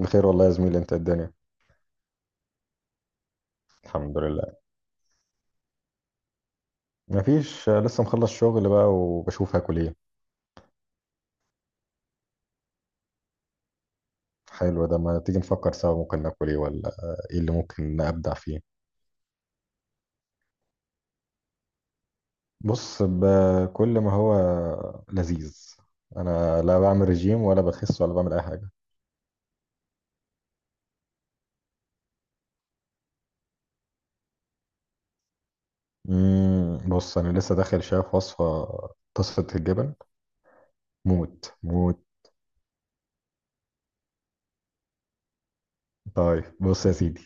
بخير والله يا زميلي، انت الدنيا؟ الحمد لله. مفيش، لسه مخلص شغل بقى وبشوف هاكل ايه. حلو ده، ما تيجي نفكر سوا ممكن ناكل ايه؟ ولا ايه اللي ممكن ابدع فيه؟ بص، بكل ما هو لذيذ. انا لا بعمل رجيم ولا بخس ولا بعمل اي حاجه. مم، بص انا لسه داخل شايف وصفه طاسه الجبن. موت موت. طيب بص يا سيدي،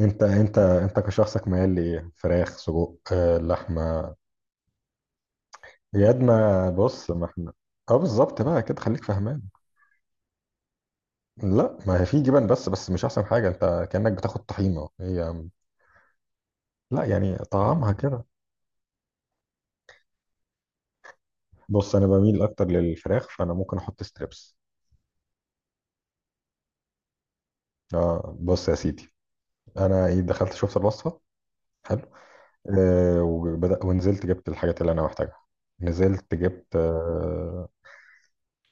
انت كشخصك ميال لايه، فراخ، سجق، لحمه؟ ياد ما بص ما احنا. اه بالظبط، بقى كده خليك فهمان. لا ما هي في جبن، بس مش احسن حاجه، انت كانك بتاخد طحينه هي. لا يعني طعمها كده. بص انا بميل اكتر للفراخ، فانا ممكن احط ستريبس. اه بص يا سيدي، انا دخلت شفت الوصفه. حلو. آه وبدأ ونزلت جبت الحاجات اللي انا محتاجها. نزلت جبت آه.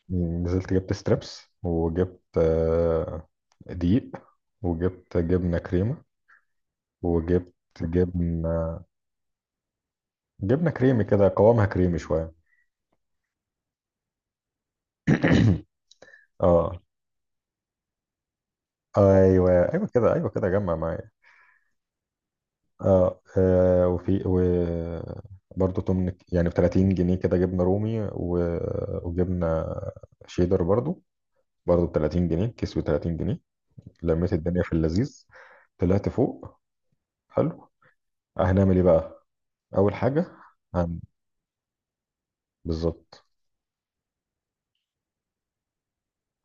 نزلت جبت ستريبس وجبت آه، دقيق، وجبت جبنه كريمه، وجبت جبن، جبنه كريمي كده قوامها كريمي شويه. اه. ايوه، ايوه كده، ايوه كده جمع معايا. اه, آه وفي و برضه تمن يعني ب 30 جنيه كده جبنه رومي و... وجبنه شيدر برضه، برضه ب 30 جنيه، كيس ب 30 جنيه. لميت الدنيا في اللذيذ، طلعت فوق. حلو. هنعمل ايه بقى؟ اول حاجه، هن... بالظبط.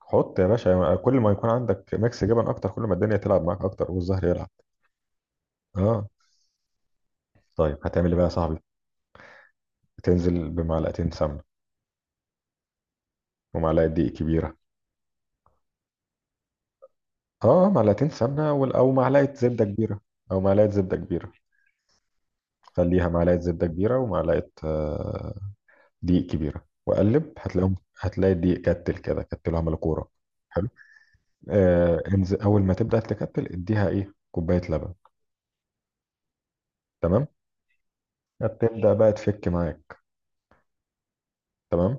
حط يا باشا، يعني كل ما يكون عندك ميكس جبن اكتر كل ما الدنيا تلعب معاك اكتر والزهر يلعب. اه. طيب هتعمل ايه بقى يا صاحبي؟ تنزل بمعلقتين سمنه ومعلقه دقيق كبيره. اه معلقتين سمنه او معلقه زبده كبيره. او معلقه زبده كبيره. خليها معلقه زبده كبيره ومعلقه دقيق كبيره، وقلب هتلاقيهم. هتلاقي الدقيق كتل كده، كتله عمل كوره. حلو. آه انزل، اول ما تبدا تكتل اديها ايه، كوبايه لبن. تمام. هتبدا بقى تفك معاك. تمام.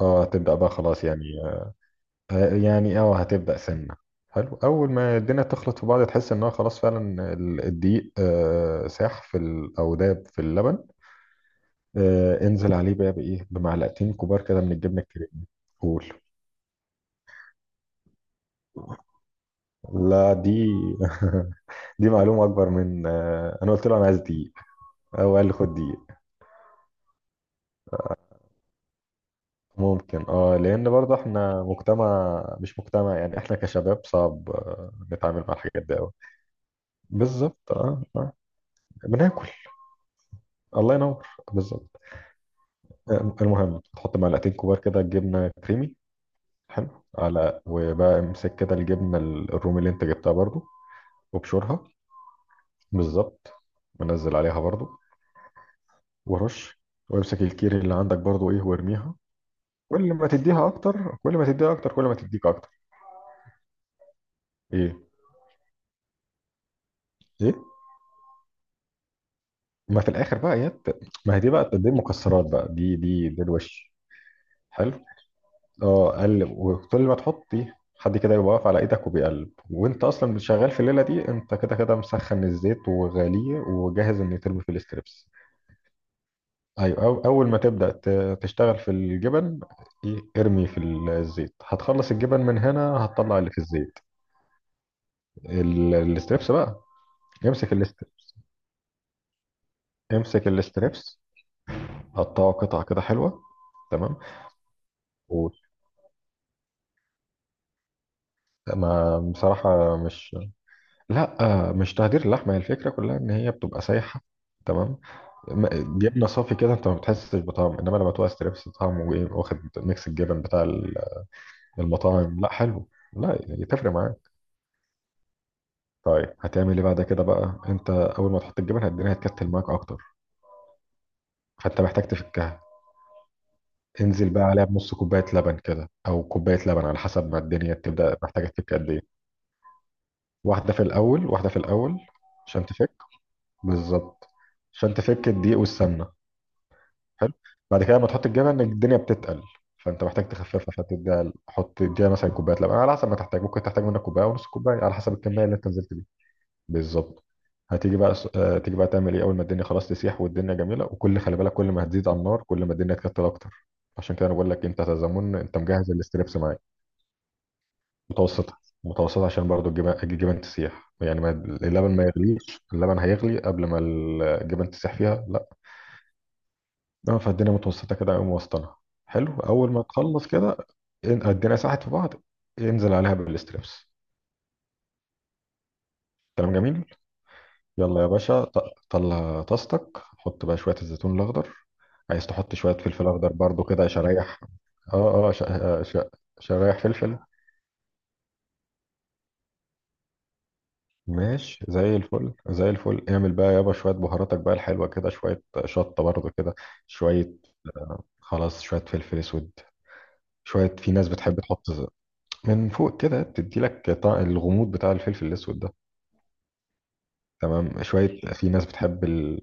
اه هتبدا بقى خلاص يعني. يعني اه هتبدأ سنة. حلو، أول ما الدنيا تخلط في بعض تحس إنها خلاص فعلا الدقيق ساح في أو داب في اللبن. انزل عليه بقى بإيه، بمعلقتين كبار كده من الجبنة الكريمة. قول. لا دي دي معلومة أكبر من أنا قلت له أنا عايز دقيق. هو قال لي خد دقيق. ممكن اه، لأن برضه احنا مجتمع مش مجتمع، يعني احنا كشباب صعب نتعامل مع الحاجات دي أوي. بالظبط اه، آه. بناكل. الله ينور. بالظبط. المهم تحط معلقتين كبار كده جبنه كريمي. حلو. على وبقى امسك كده الجبنه الرومي اللي انت جبتها برضو. وابشرها. بالظبط. منزل عليها برضو. ورش. وامسك الكيري اللي عندك برضو ايه وارميها. كل ما تديها اكتر كل ما تديها اكتر كل ما تديك اكتر. ايه. ايه. ما في الاخر بقى يا ما هي دي بقى، دي المكسرات بقى، دي دي ده الوش. حلو. اه قلب، وكل ما تحطي حد كده يبقى واقف على ايدك وبيقلب، وانت اصلا شغال في الليله دي انت كده كده مسخن الزيت وغاليه وجاهز ان يترمي في الاستريبس. ايوه، أو اول ما تبدا تشتغل في الجبن، إيه، ارمي في الزيت، هتخلص الجبن من هنا هتطلع اللي في الزيت. الاستريبس بقى. امسك الاست... امسك الاستريبس، قطعه قطع كده حلوه. تمام. و... ما بصراحه مش، لا مش تهدير اللحمه، هي الفكره كلها ان هي بتبقى سايحه. تمام. جبنه صافي كده انت ما بتحسش بطعم، انما لما تبقى ستريبس طعمه ايه، واخد ميكس الجبن بتاع المطاعم. لا حلو. لا يتفرق معاك. طيب هتعمل ايه بعد كده بقى؟ انت اول ما تحط الجبن الدنيا هتكتل معاك اكتر، فانت محتاج تفكها. انزل بقى عليها بنص كوبايه لبن كده او كوبايه لبن على حسب ما الدنيا تبدا محتاجه تفك قد ايه. واحده في الاول، واحده في الاول، عشان تفك. بالظبط، عشان تفك الدقيق والسمنه. حلو. بعد كده لما تحط الجبن الدنيا بتتقل، فانت محتاج تخففها، فتديها حط اديها مثلا كوبايه لبن على حسب ما تحتاج، ممكن تحتاج منك كوبايه ونص كوبايه على حسب الكميه اللي انت نزلت بيها. بالظبط. هتيجي بقى هتيجي بقى تعمل ايه، اول ما الدنيا خلاص تسيح والدنيا جميله وكل، خلي بالك كل ما هتزيد على النار كل ما الدنيا تكتل اكتر. عشان كده انا بقول لك انت يا زمون انت مجهز الاستريبس معاك. متوسطه. متوسطه عشان برضو الجبن، الجبن تسيح يعني ما، اللبن ما يغليش، اللبن هيغلي قبل ما الجبن تسيح فيها. اه فالدنيا متوسطه كده، قوم وسطنا. حلو. اول ما تخلص كده الدنيا ساحت في بعض، انزل عليها بالاستريبس. كلام جميل. يلا يا باشا طلع طاستك، حط بقى شويه الزيتون الاخضر. عايز تحط شويه فلفل اخضر برضو كده شرايح. اه اه شرايح فلفل. ماشي، زي الفل زي الفل. اعمل بقى يابا شويه بهاراتك بقى الحلوه كده، شويه شطه برضو كده، شويه. خلاص شويه فلفل اسود، شويه. في ناس بتحب تحط من فوق كده، تدي لك الغموض بتاع الفلفل الاسود ده. تمام. شويه في ناس بتحب ال...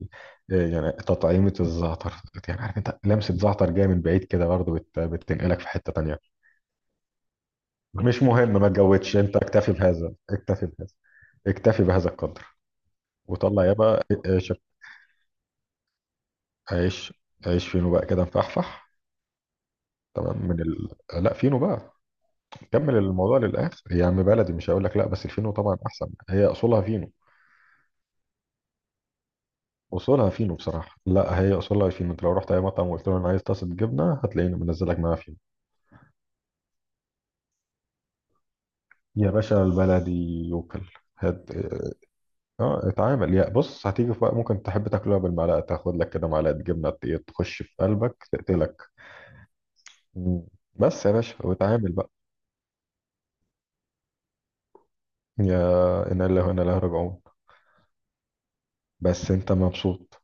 آه، يعني تطعيمه الزعتر، يعني عارف انت لمسه زعتر جايه من بعيد كده برضه بتنقلك في حته تانية. مش مهم، ما تجودش، انت اكتفي بهذا، اكتفي بهذا، اكتفي بهذا القدر. وطلع يابا عيش، عيش، عيش فينو بقى كده مفحفح. تمام. من لا فينو بقى. كمل الموضوع للاخر يا عم، بلدي مش هقول لك لا، بس الفينو طبعا احسن، هي اصولها فينو. اصولها فينو بصراحه، لا هي اصولها فينو، انت لو رحت اي مطعم وقلت له انا عايز طاسه جبنه هتلاقيني منزلك معاها فينو. يا باشا البلدي يوكل. هت... اه اتعامل يا بص، هتيجي في وقت ممكن تحب تاكلها بالمعلقه، تاخد لك كده معلقه جبنه إيه، تخش في قلبك تقتلك. مم. بس يا باشا واتعامل بقى. يا انا اللي هنا لا راجعون. بس انت مبسوط.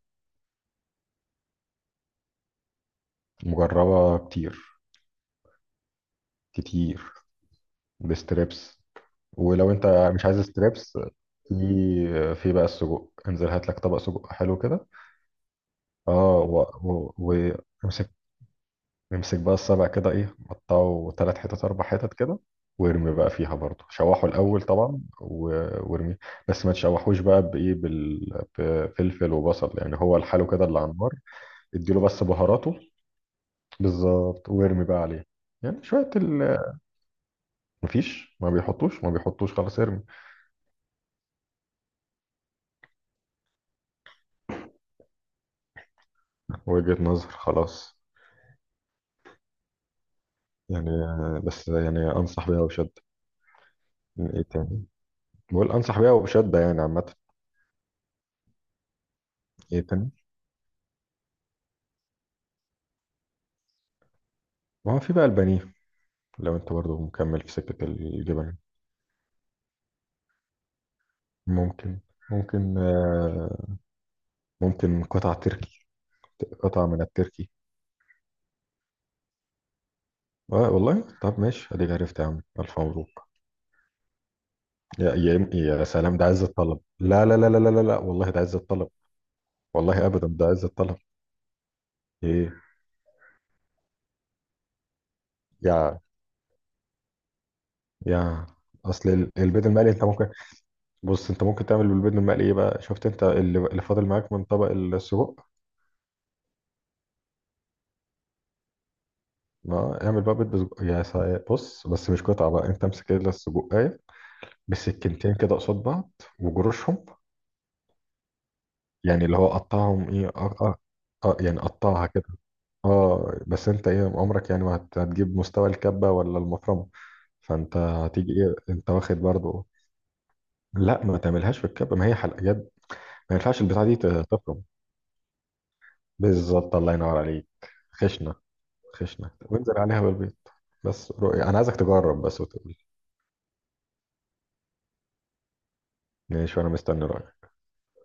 مجربه كتير. كتير بستريبس. ولو انت مش عايز ستريبس، في، في بقى السجق. انزل هات لك طبق سجق حلو كده. اه وامسك، امسك بقى السبع كده ايه، قطعه ثلاث حتت اربع حتت كده. وارمي بقى فيها برضه شوحه الاول طبعا و- وارميه، بس ما تشوحوش بقى بايه بفلفل وبصل، يعني هو لحاله كده اللي على النار. اديله بس بهاراته. بالظبط، وارمي بقى عليه يعني شوية مفيش، ما بيحطوش خلاص، ارمي. وجهة نظر خلاص. يعني بس يعني انصح بيها وبشدة. ايه تاني؟ بقول انصح بيها وبشدة يعني عامة. ايه تاني؟ ما هو في بقى البانيه، لو انت برضو مكمل في سكة الجبن. ممكن. ممكن ممكن قطع تركي، قطع من التركي. آه والله طب ماشي، اديك عرفت يا عم، الف مبروك. يا يا يا سلام، ده عز الطلب، لا لا لا لا لا لا لا، والله ده عز الطلب. والله ابدا ده عز الطلب. ايه؟ يا، يا اصل البيض المقلي انت ممكن، بص انت ممكن تعمل بالبيض المقلي ايه بقى، شفت انت اللي فاضل معاك من طبق السجق. ما اعمل بقى بيض بسجق يا بص بس مش قطعه بقى، انت امسك كده السجق، أيوه. بسكينتين كده قصاد بعض وجروشهم. يعني اللي هو قطعهم ايه اه اه. اه يعني قطعها كده. اه بس انت ايه عمرك يعني، ما هتجيب مستوى الكبة ولا المفرمة؟ فانت هتيجي ايه انت واخد برضو. لا ما تعملهاش في الكبة، ما هي حلقة يد. ما ينفعش البتاعة دي تفرم. بالظبط الله ينور عليك. خشنة. خشنة وانزل عليها بالبيض. بس رؤية انا عايزك تجرب بس وتقول لي. ماشي وانا مستني رأيك.